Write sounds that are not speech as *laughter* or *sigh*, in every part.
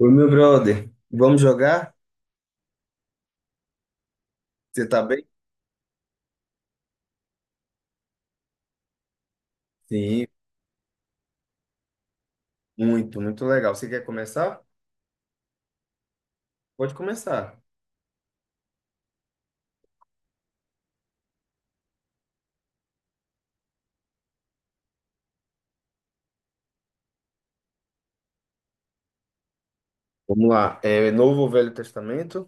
Oi, meu brother. Vamos jogar? Você tá bem? Sim, muito, muito legal. Você quer começar? Pode começar. Vamos lá. É Novo ou Velho Testamento?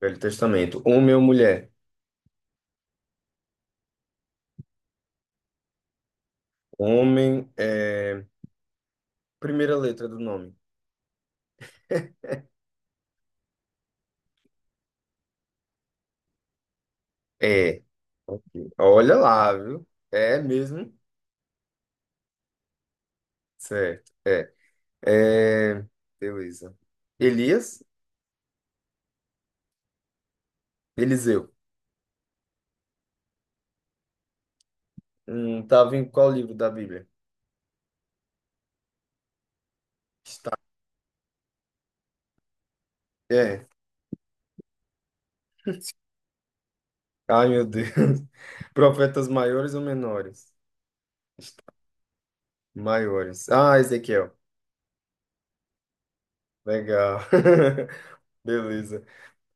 Velho Testamento. Homem ou mulher? Homem, primeira letra do nome. É. Ok. Olha lá, viu? É mesmo? Certo. É. É. Beleza. Elias? Eliseu. Tava em qual livro da Bíblia? É. Ai, meu Deus. *laughs* Profetas maiores ou menores? Maiores. Ah, Ezequiel. Legal. *laughs* Beleza.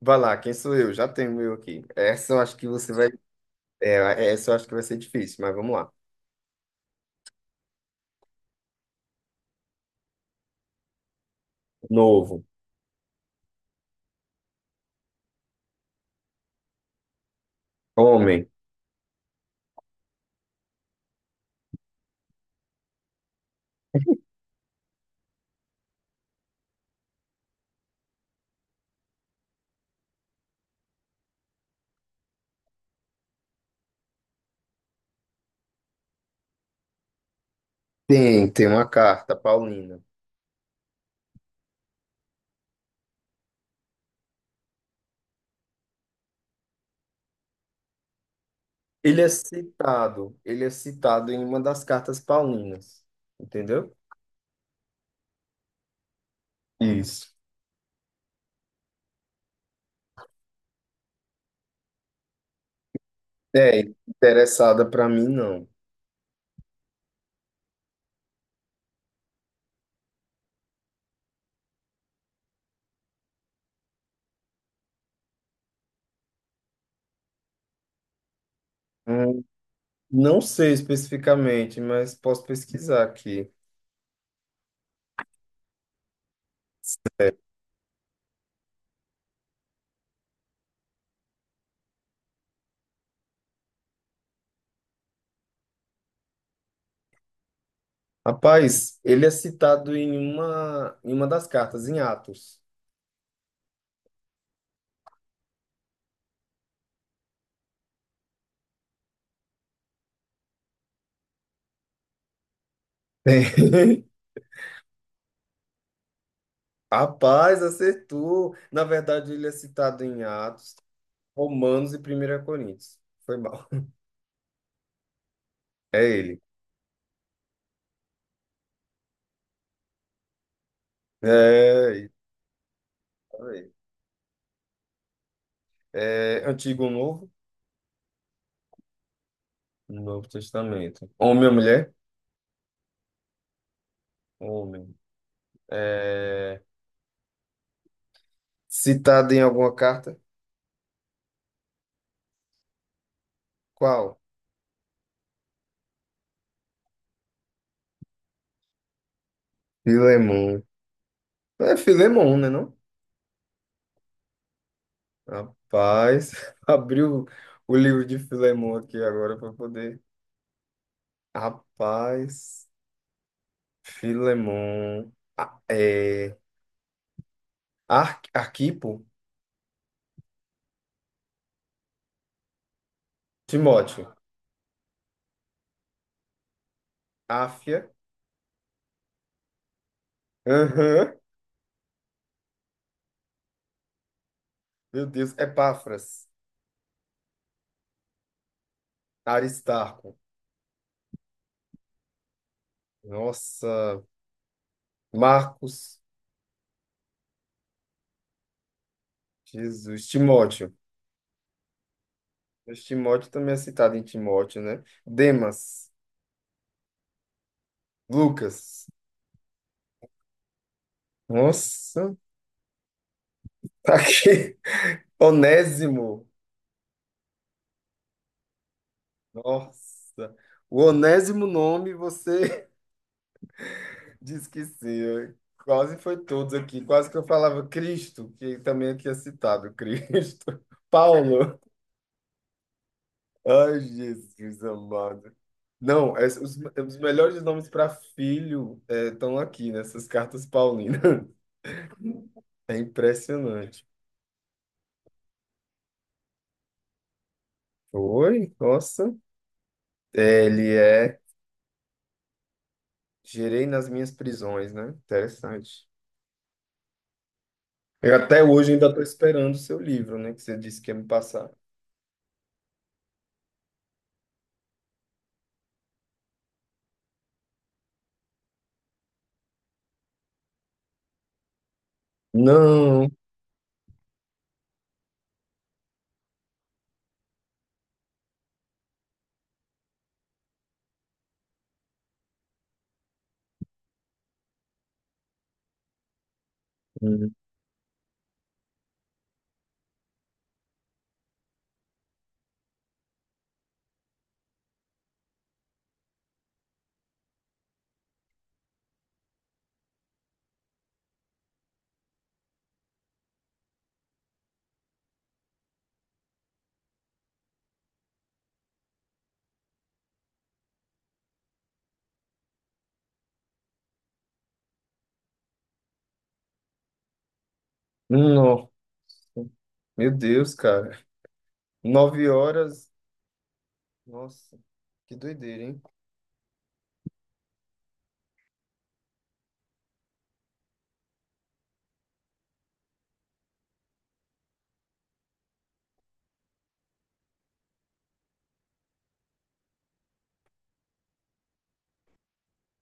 Vai lá, quem sou eu? Já tenho o meu aqui. Essa eu acho que você vai. É, essa eu acho que vai ser difícil, mas vamos lá. Novo. Homem. Tem, tem uma carta, paulina. Ele é citado. Ele é citado em uma das cartas paulinas. Entendeu? Isso. É, interessada para mim, não. Hum, não sei especificamente, mas posso pesquisar aqui. Rapaz, ele é citado em uma das cartas, em Atos. Tem. *laughs* Rapaz, acertou. Na verdade, ele é citado em Atos, Romanos e primeira Coríntios. Foi mal. É ele. É, ele. É Antigo ou Novo? Novo Testamento. Homem ou mulher? Homem. É, citado em alguma carta? Qual? Filemon. É Filemon, né, não? Rapaz, *laughs* abriu o livro de Filemon aqui agora para poder. Rapaz, Filemon, é, Ar, Arquipo, Timóteo, Áfia, aham, meu Deus, Epáfras, Aristarco, nossa, Marcos, Jesus, Timóteo. Mas Timóteo também é citado em Timóteo, né? Demas, Lucas, nossa, tá aqui, *laughs* Onésimo, nossa, o onésimo nome você disse que sim, quase foi todos aqui. Quase que eu falava Cristo, que também aqui é citado, Cristo. *laughs* Paulo. Ai, Jesus amado. Não, os melhores nomes para filho estão aqui nessas cartas paulinas. *laughs* É impressionante. Oi, nossa. É, ele é. Gerei nas minhas prisões, né? Interessante. Eu até hoje ainda estou esperando o seu livro, né? Que você disse que ia me passar. Não. Hum. Não. Meu Deus, cara. 9 horas. Nossa, que doideira, hein?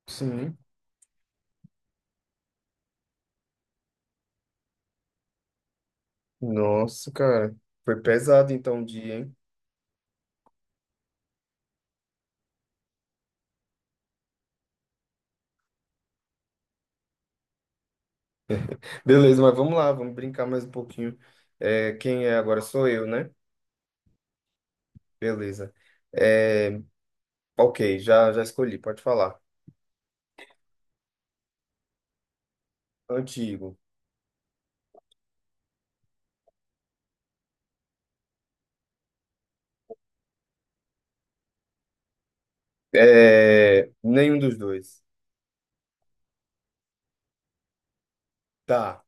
Sim. Nossa, cara. Foi pesado então o dia, hein? Beleza, mas vamos lá, vamos brincar mais um pouquinho. É, quem é agora sou eu, né? Beleza. É, ok, já escolhi, pode falar. Antigo. É, nenhum dos dois. Tá.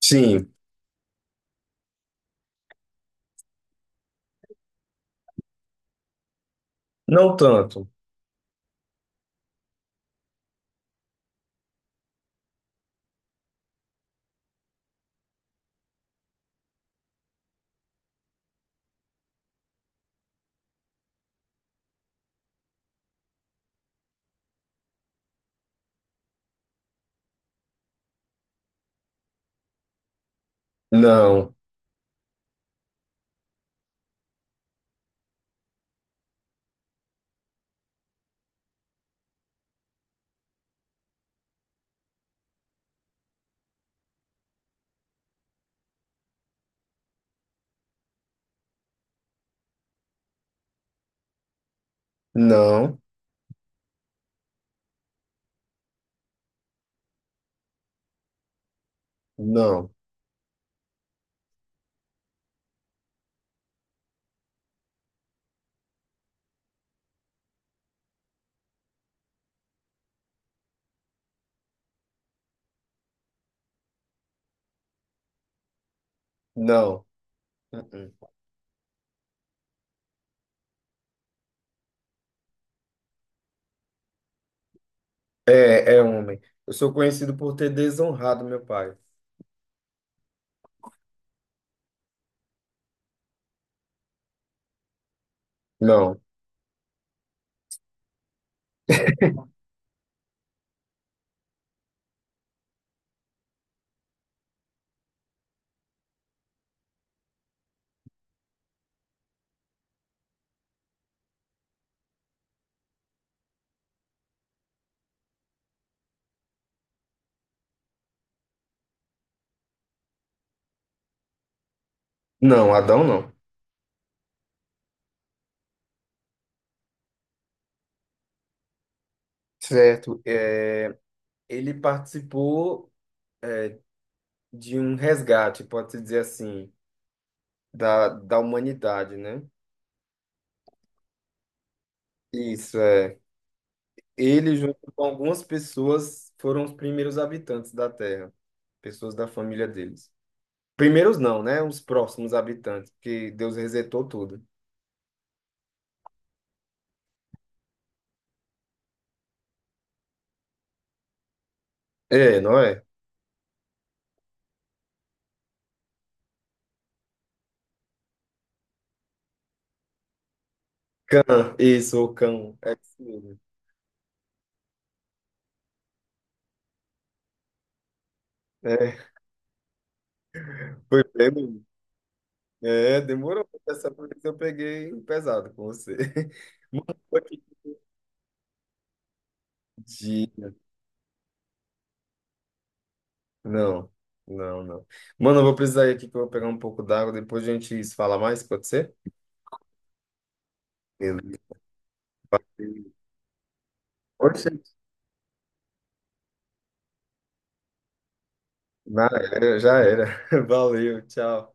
Sim. Não tanto. Não. Não. Não. Não. Uh-uh. É, é homem. Eu sou conhecido por ter desonrado meu pai. Não, não, Adão não. Certo. É, ele participou é, de um resgate, pode-se dizer assim, da humanidade, né? Isso, é. Ele, junto com algumas pessoas, foram os primeiros habitantes da Terra, pessoas da família deles. Primeiros não, né? Os próximos habitantes, porque Deus resetou tudo. É, não é? Cã, isso, o cão. É isso mesmo. É, foi bem. É, demorou. Essa vez eu peguei pesado com você. *laughs* Mano, foi que dia. Não, não, não. Mano, eu vou precisar ir aqui que eu vou pegar um pouco d'água. Depois a gente se fala mais, pode ser? Beleza. Valeu. Oxe, na- já era. *laughs* Valeu, tchau.